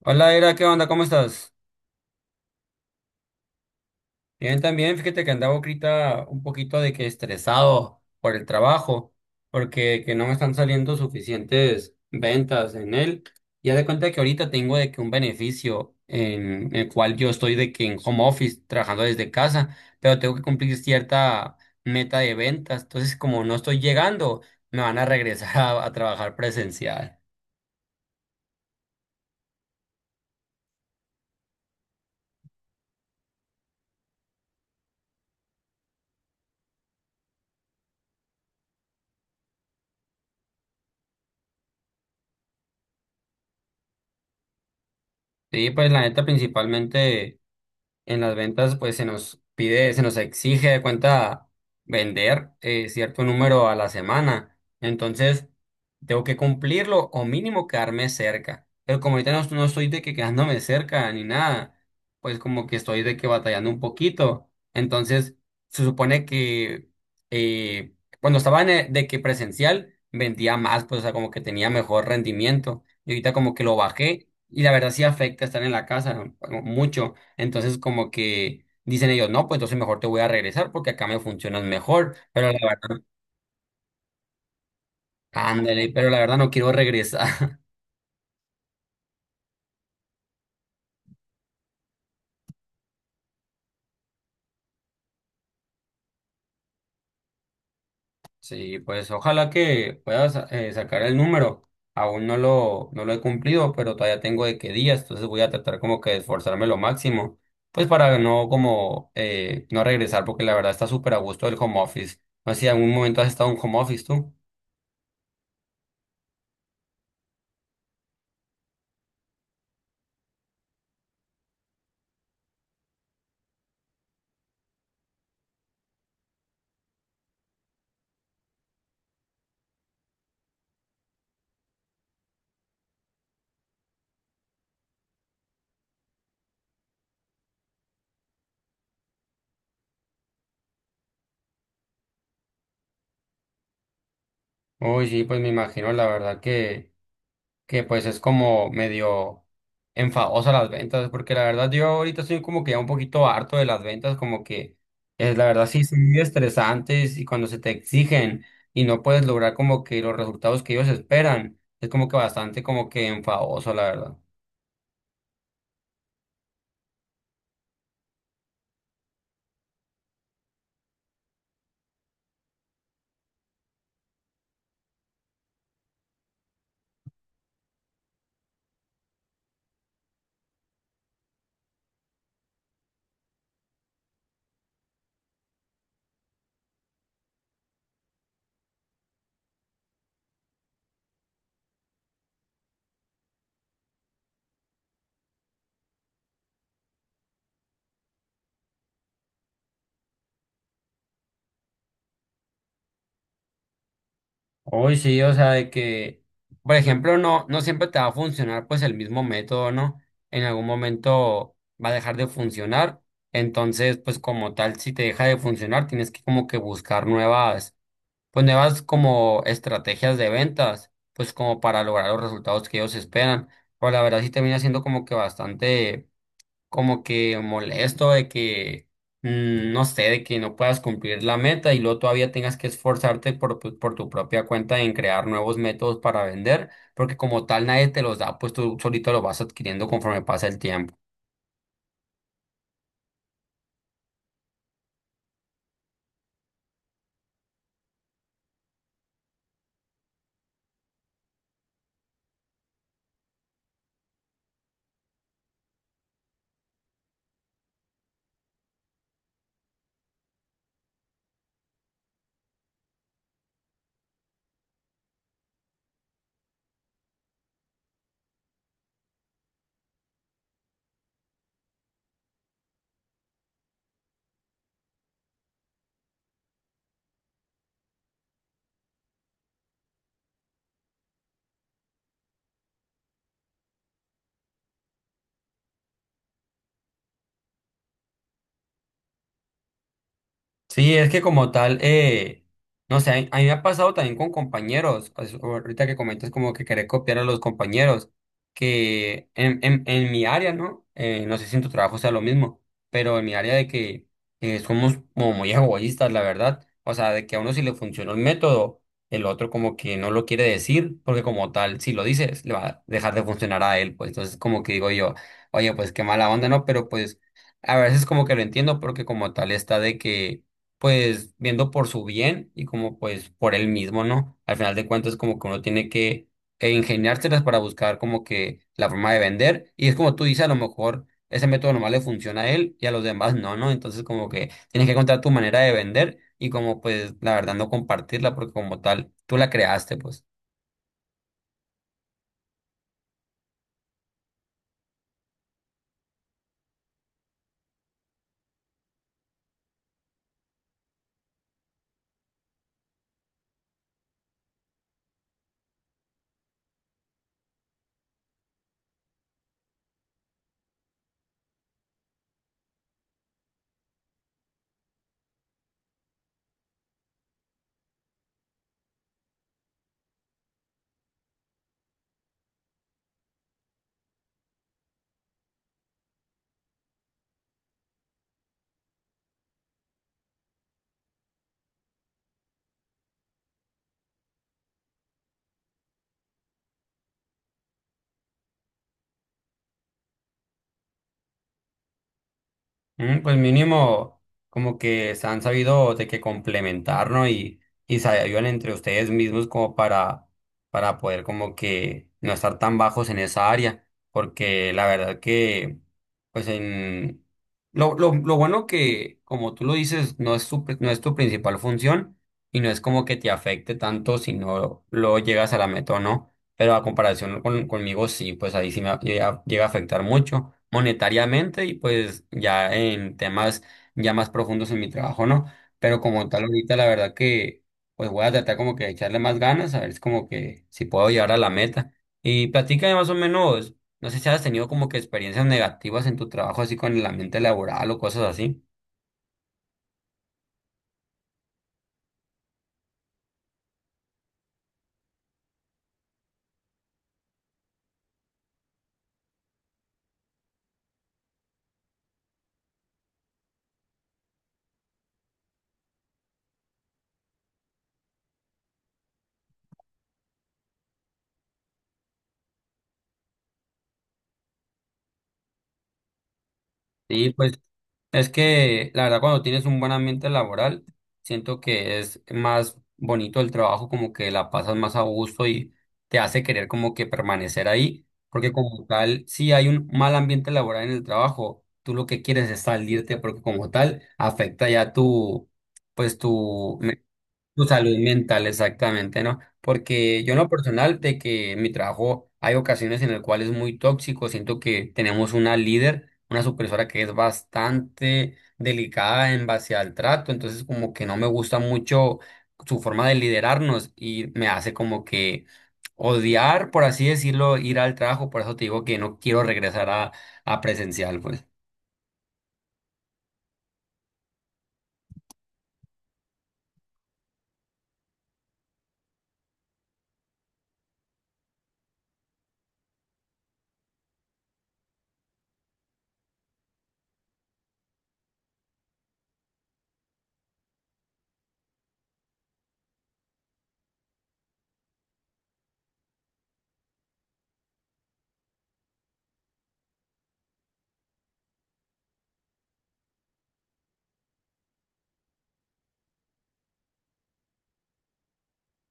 Hola, Era, ¿qué onda? ¿Cómo estás? Bien, también, fíjate que andaba ahorita un poquito de que estresado por el trabajo, porque que no me están saliendo suficientes ventas en él. Ya de cuenta que ahorita tengo de que un beneficio en el cual yo estoy de que en home office, trabajando desde casa, pero tengo que cumplir cierta meta de ventas. Entonces, como no estoy llegando, me van a regresar a trabajar presencial. Sí, pues la neta principalmente. En las ventas, pues se nos pide, se nos exige de cuenta vender cierto número a la semana. Entonces, tengo que cumplirlo o mínimo quedarme cerca. Pero como ahorita no estoy de que quedándome cerca ni nada, pues como que estoy de que batallando un poquito. Entonces, se supone que eh, cuando estaba en el- de que presencial, vendía más, pues o sea, como que tenía mejor rendimiento. Y ahorita como que lo bajé y la verdad sí afecta estar en la casa, ¿no? Mucho. Entonces, como que dicen ellos, no, pues entonces mejor te voy a regresar porque acá me funcionas mejor, pero la verdad, ándale, pero la verdad no quiero regresar. Sí, pues ojalá que puedas sacar el número. Aún no lo he cumplido, pero todavía tengo de qué días, entonces voy a tratar como que de esforzarme lo máximo, pues para no como no regresar, porque la verdad está súper a gusto el home office. No sé si en algún momento has estado en un home office tú. Uy, sí, pues me imagino la verdad que pues es como medio enfadosa las ventas, porque la verdad yo ahorita estoy como que ya un poquito harto de las ventas, como que es la verdad sí son muy estresantes y cuando se te exigen y no puedes lograr como que los resultados que ellos esperan, es como que bastante como que enfadoso, la verdad. Hoy sí, o sea, de que, por ejemplo, no siempre te va a funcionar pues el mismo método, ¿no? En algún momento va a dejar de funcionar. Entonces, pues como tal, si te deja de funcionar, tienes que como que buscar nuevas pues nuevas como estrategias de ventas, pues como para lograr los resultados que ellos esperan. Pero la verdad sí termina siendo como que bastante, como que molesto de que, no sé, de que no puedas cumplir la meta y luego todavía tengas que esforzarte por, por tu propia cuenta en crear nuevos métodos para vender, porque como tal nadie te los da, pues tú solito los vas adquiriendo conforme pasa el tiempo. Sí, es que como tal, no sé, a mí me ha pasado también con compañeros, pues, ahorita que comentas como que querer copiar a los compañeros, que en mi área, ¿no? No sé si en tu trabajo sea lo mismo, pero en mi área de que somos como muy egoístas, la verdad, o sea, de que a uno si le funcionó el método, el otro como que no lo quiere decir, porque como tal, si lo dices, le va a dejar de funcionar a él, pues entonces como que digo yo, oye, pues qué mala onda, ¿no? Pero pues a veces como que lo entiendo porque como tal está de que pues viendo por su bien y como pues por él mismo, ¿no? Al final de cuentas como que uno tiene que ingeniárselas para buscar como que la forma de vender y es como tú dices, a lo mejor ese método nomás le funciona a él y a los demás no, ¿no? Entonces como que tienes que encontrar tu manera de vender y como pues la verdad no compartirla porque como tal tú la creaste, pues. Mm, pues mínimo, como que se han sabido de que complementar, ¿no? Y se ayudan entre ustedes mismos como para poder como que no estar tan bajos en esa área, porque la verdad que, pues en... Lo bueno que, como tú lo dices, no es no es tu principal función y no es como que te afecte tanto si no lo llegas a la meta, ¿no? Pero a comparación con, conmigo sí, pues ahí sí llega, llega a afectar mucho monetariamente y pues ya en temas ya más profundos en mi trabajo, ¿no? Pero como tal ahorita la verdad que pues voy a tratar como que de echarle más ganas, a ver es como que si puedo llegar a la meta. Y platícame más o menos, no sé si has tenido como que experiencias negativas en tu trabajo así con el ambiente laboral o cosas así. Sí, pues es que la verdad cuando tienes un buen ambiente laboral, siento que es más bonito el trabajo, como que la pasas más a gusto y te hace querer como que permanecer ahí, porque como tal, si hay un mal ambiente laboral en el trabajo, tú lo que quieres es salirte, porque como tal afecta ya tu, pues tu salud mental, exactamente, ¿no? Porque yo en lo personal, de que en mi trabajo hay ocasiones en las cuales es muy tóxico, siento que tenemos una líder, una supervisora que es bastante delicada en base al trato, entonces como que no me gusta mucho su forma de liderarnos y me hace como que odiar, por así decirlo, ir al trabajo, por eso te digo que no quiero regresar a presencial, pues.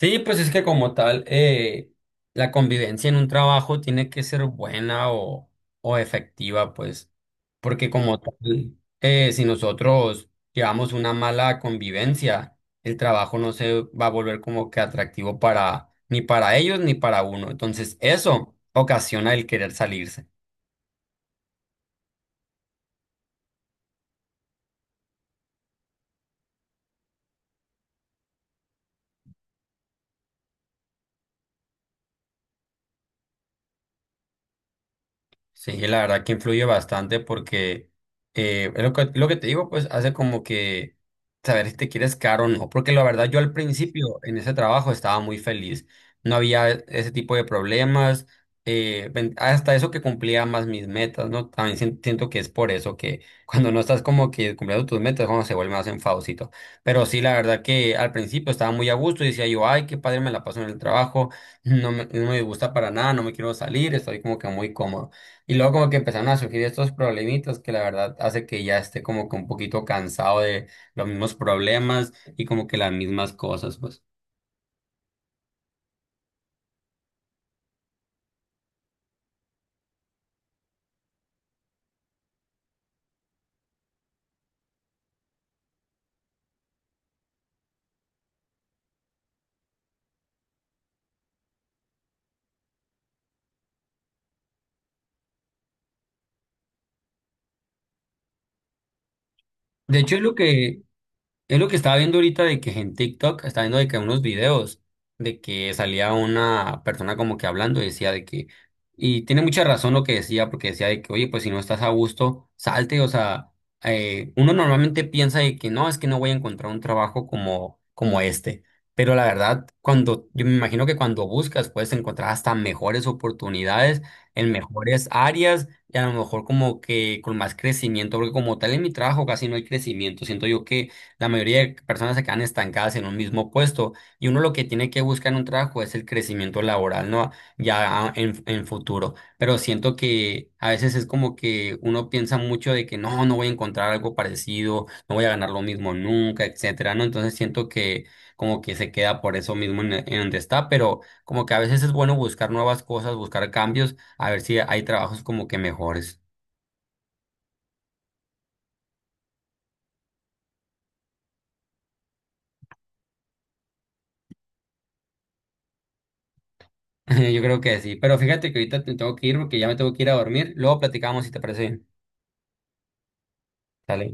Sí, pues es que como tal, la convivencia en un trabajo tiene que ser buena o efectiva, pues, porque como tal, si nosotros llevamos una mala convivencia, el trabajo no se va a volver como que atractivo para ni para ellos ni para uno. Entonces, eso ocasiona el querer salirse. Sí, la verdad que influye bastante porque es lo que te digo, pues hace como que saber si te quieres caro o no. Porque la verdad, yo al principio en ese trabajo estaba muy feliz. No había e, ese tipo de problemas. Hasta eso que cumplía más mis metas, ¿no? También siento que es por eso que cuando no estás como que cumpliendo tus metas, cuando se vuelve más enfadocito. Pero sí, la verdad que al principio estaba muy a gusto y decía yo, ay, qué padre me la paso en el trabajo. No me gusta para nada, no me quiero salir, estoy como que muy cómodo. Y luego como que empezaron a surgir estos problemitas que la verdad hace que ya esté como que un poquito cansado de los mismos problemas y como que las mismas cosas, pues. De hecho, es lo que es lo que estaba viendo ahorita de que en TikTok estaba viendo de que unos videos de que salía una persona como que hablando y decía de que, y tiene mucha razón lo que decía, porque decía de que, oye, pues si no estás a gusto, salte, o sea, uno normalmente piensa de que no, es que no voy a encontrar un trabajo como este, pero la verdad, cuando, yo me imagino que cuando buscas puedes encontrar hasta mejores oportunidades en mejores áreas y a lo mejor como que con más crecimiento, porque como tal en mi trabajo casi no hay crecimiento, siento yo que la mayoría de personas se quedan estancadas en un mismo puesto y uno lo que tiene que buscar en un trabajo es el crecimiento laboral, ¿no? Ya en futuro. Pero siento que a veces es como que uno piensa mucho de que no, no voy a encontrar algo parecido, no voy a ganar lo mismo nunca, etcétera, ¿no? Entonces siento que como que se queda por eso mismo en donde está, pero como que a veces es bueno buscar nuevas cosas, buscar cambios, a ver si hay trabajos como que mejores. Yo creo que sí, pero fíjate que ahorita te tengo que ir porque ya me tengo que ir a dormir. Luego platicamos si te parece bien. Dale.